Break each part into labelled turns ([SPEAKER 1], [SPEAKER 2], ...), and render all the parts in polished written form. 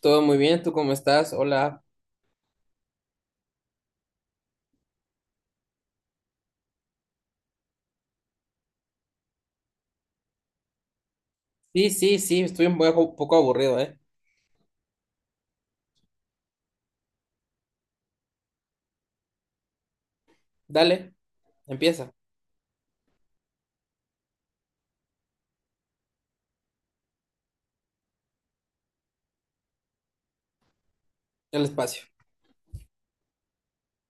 [SPEAKER 1] Todo muy bien, ¿tú cómo estás? Hola. Sí, sí, sí, estoy un poco aburrido, ¿eh? Dale, empieza. El espacio.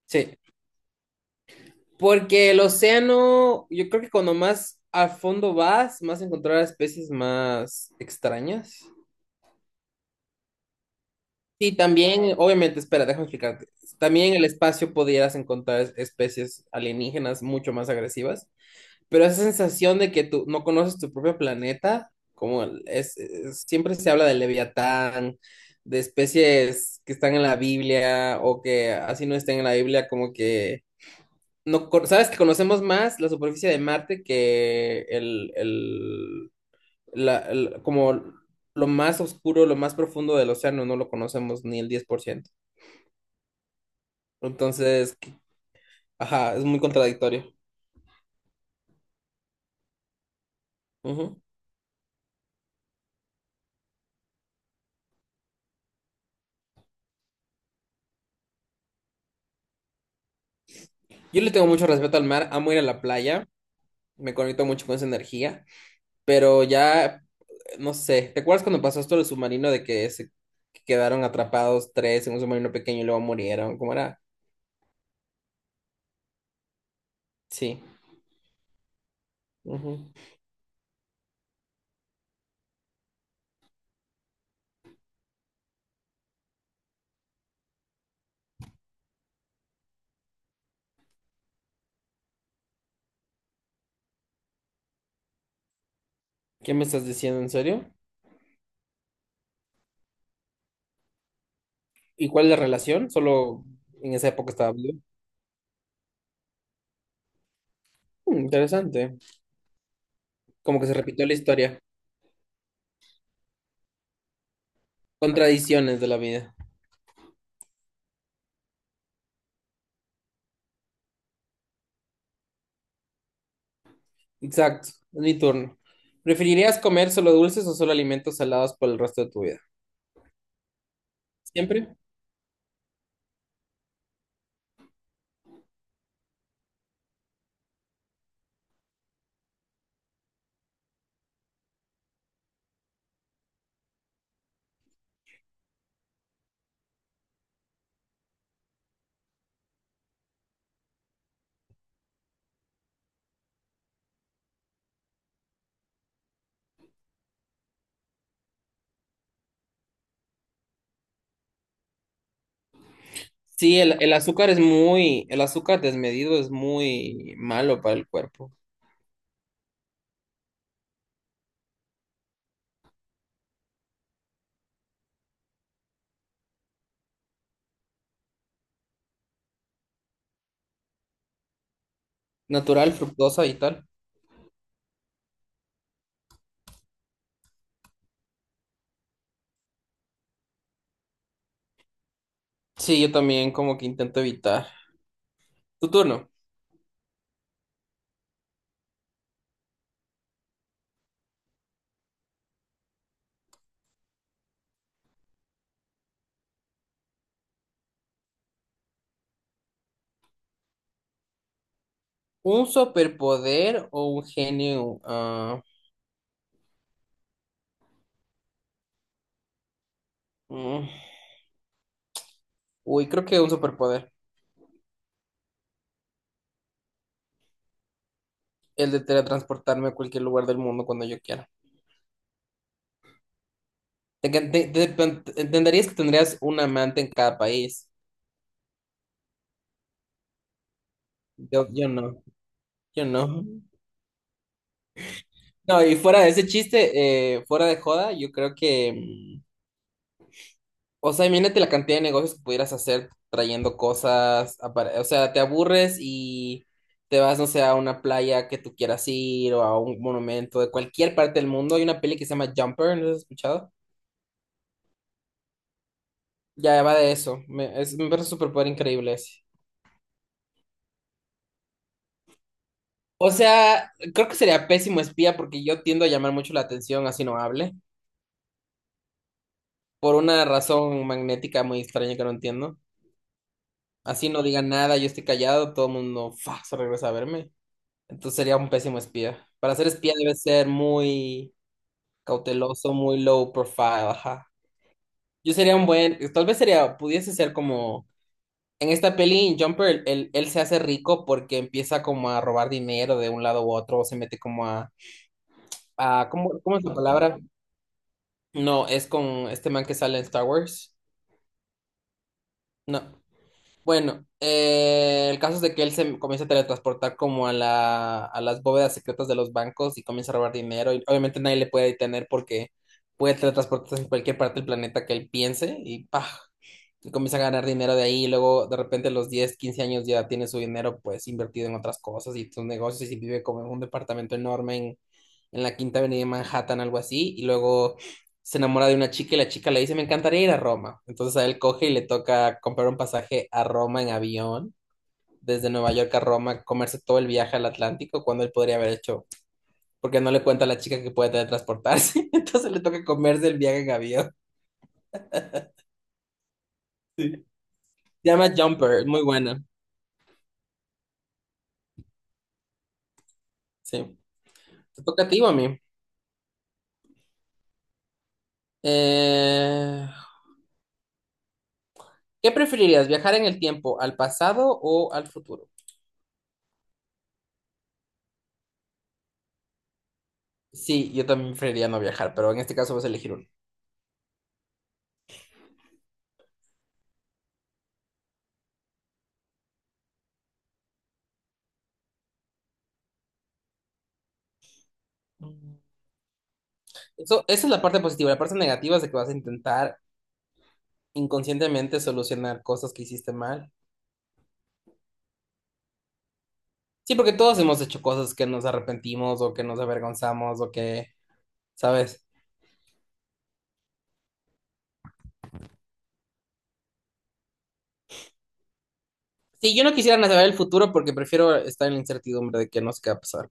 [SPEAKER 1] Sí. Porque el océano, yo creo que cuando más al fondo vas, más encontrarás especies más extrañas. Y también, obviamente, espera, déjame explicarte. También en el espacio podrías encontrar especies alienígenas mucho más agresivas. Pero esa sensación de que tú no conoces tu propio planeta, como el- es- siempre se habla del Leviatán, de especies que están en la Biblia o que así no estén en la Biblia, como que no con- sabes que conocemos más la superficie de Marte que como lo más oscuro, lo más profundo del océano, no lo conocemos ni el 10%. Entonces, ajá, es muy contradictorio. Ujú. Yo le tengo mucho respeto al mar, amo ir a la playa. Me conecto mucho con esa energía, pero ya, no sé, ¿te acuerdas cuando pasó esto del submarino de que se quedaron atrapados tres en un submarino pequeño y luego murieron? ¿Cómo era? Sí. Ujú. ¿Qué me estás diciendo en serio? ¿Y cuál es la relación? Solo en esa época estaba vivo. Mm, interesante. Como que se repitió la historia. Contradicciones de la vida. Exacto, es mi turno. ¿Preferirías comer solo dulces o solo alimentos salados por el resto de tu vida? ¿Siempre? Sí, el azúcar el azúcar desmedido es muy malo para el cuerpo. Natural, fructosa y tal. Sí, yo también como que intento evitar. Tu turno. ¿Un superpoder o un genio? Ah, mm, uy, creo que un superpoder. El de teletransportarme a cualquier lugar del mundo cuando yo quiera. Entenderías que tendrías un amante en cada país. Yo no, yo no. No, y fuera de ese chiste, fuera de joda, yo creo que, o sea, imagínate la cantidad de negocios que pudieras hacer trayendo cosas. O sea, te aburres y te vas, no sé, a una playa que tú quieras ir o a un monumento de cualquier parte del mundo. Hay una peli que se llama Jumper, ¿no has escuchado? Ya va de eso. Me parece un superpoder increíble ese. O sea, creo que sería pésimo espía porque yo tiendo a llamar mucho la atención así no hable. Por una razón magnética muy extraña que no entiendo. Así no diga nada, yo estoy callado, todo el mundo se regresa a verme. Entonces sería un pésimo espía. Para ser espía debes ser muy cauteloso, muy low profile, ajá. Yo sería un buen, tal vez sería, pudiese ser como, en esta peli, en Jumper, él se hace rico porque empieza como a robar dinero de un lado u otro, o se mete como a, ¿cómo es la palabra? No, es con este man que sale en Star Wars. No. Bueno, el caso es de que él se comienza a teletransportar como a a las bóvedas secretas de los bancos y comienza a robar dinero. Y obviamente nadie le puede detener porque puede teletransportarse en cualquier parte del planeta que él piense y ¡pah! Y comienza a ganar dinero de ahí. Y luego de repente a los 10, 15 años ya tiene su dinero pues invertido en otras cosas y sus negocios y vive como en un departamento enorme en, la Quinta Avenida de Manhattan, algo así. Y luego se enamora de una chica y la chica le dice, me encantaría ir a Roma. Entonces a él coge y le toca comprar un pasaje a Roma en avión, desde Nueva York a Roma, comerse todo el viaje al Atlántico cuando él podría haber hecho, porque no le cuenta a la chica que puede teletransportarse, entonces le toca comerse el viaje en avión. Sí. Se llama Jumper, muy buena. Sí. Te toca a ti o a mí. Eh, ¿Qué preferirías, viajar en el tiempo, al pasado o al futuro? Sí, yo también preferiría no viajar, pero en este caso vas a elegir uno. Esa es la parte positiva. La parte negativa es de que vas a intentar inconscientemente solucionar cosas que hiciste mal. Sí, porque todos hemos hecho cosas que nos arrepentimos o que nos avergonzamos o que, ¿sabes? Sí, yo no quisiera ni saber el futuro porque prefiero estar en la incertidumbre de que no sé qué va a pasar.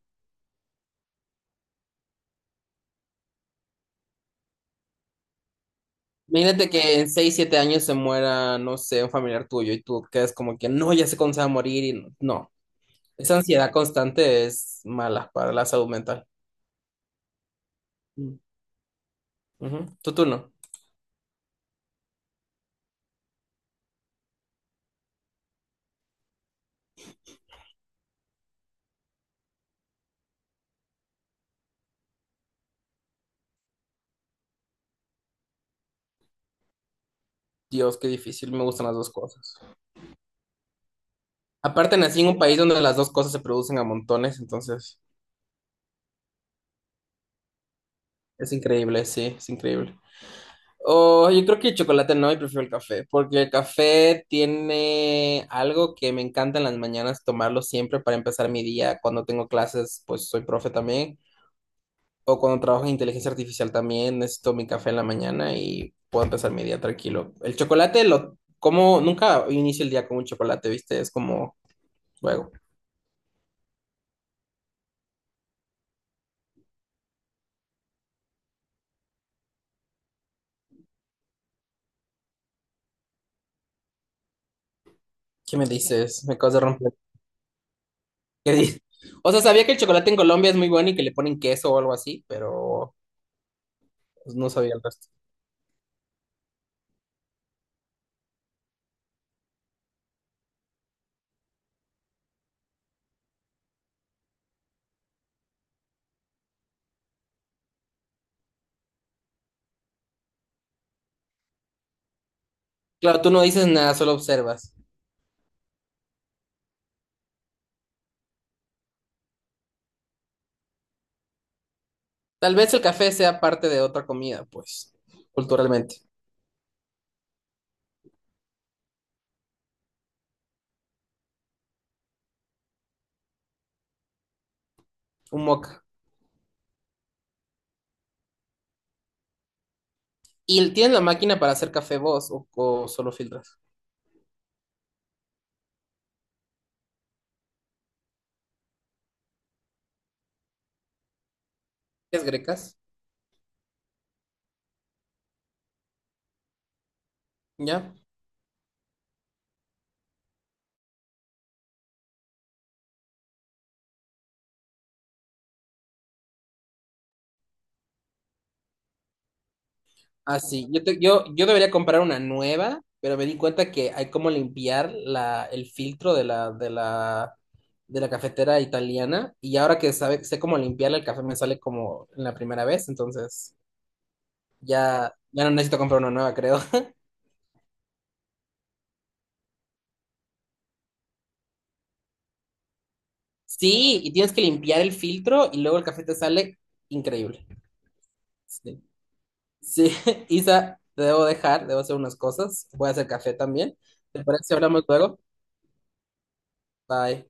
[SPEAKER 1] Imagínate que en 6 7 años se muera, no sé, un familiar tuyo y tú quedas como que no, ya sé cuándo se va a morir y no. No. Esa ansiedad constante es mala para la salud mental. Mm. Ujú. Tu turno. Dios, qué difícil. Me gustan las dos cosas. Aparte nací en un país donde las dos cosas se producen a montones, entonces es increíble, sí, es increíble. Oh, yo creo que el chocolate no, yo prefiero el café, porque el café tiene algo que me encanta en las mañanas tomarlo siempre para empezar mi día. Cuando tengo clases, pues soy profe también, o cuando trabajo en inteligencia artificial también, necesito mi café en la mañana y puedo empezar mi día tranquilo. El chocolate lo como, nunca inicio el día con un chocolate, ¿viste? Es como, luego, ¿qué me dices? Me acabas de romper. que di- O sea, sabía que el chocolate en Colombia es muy bueno y que le ponen queso o algo así, pero pues, no sabía el resto. Claro, tú no dices nada, solo observas. Tal vez el café sea parte de otra comida, pues, culturalmente. Un moca. ¿Y tienes la máquina para hacer café vos o solo filtras? ¿Es grecas? ¿Ya? Ah, sí, yo debería comprar una nueva, pero me di cuenta que hay como limpiar el filtro de la, de la cafetera italiana y ahora que sé cómo limpiarla, el café me sale como en la primera vez, entonces ya, ya no necesito comprar una nueva, creo. Sí, y tienes que limpiar el filtro y luego el café te sale increíble. Sí, sí, Isa, te debo dejar, debo hacer unas cosas, voy a hacer café también. ¿Te parece si hablamos luego? Bye.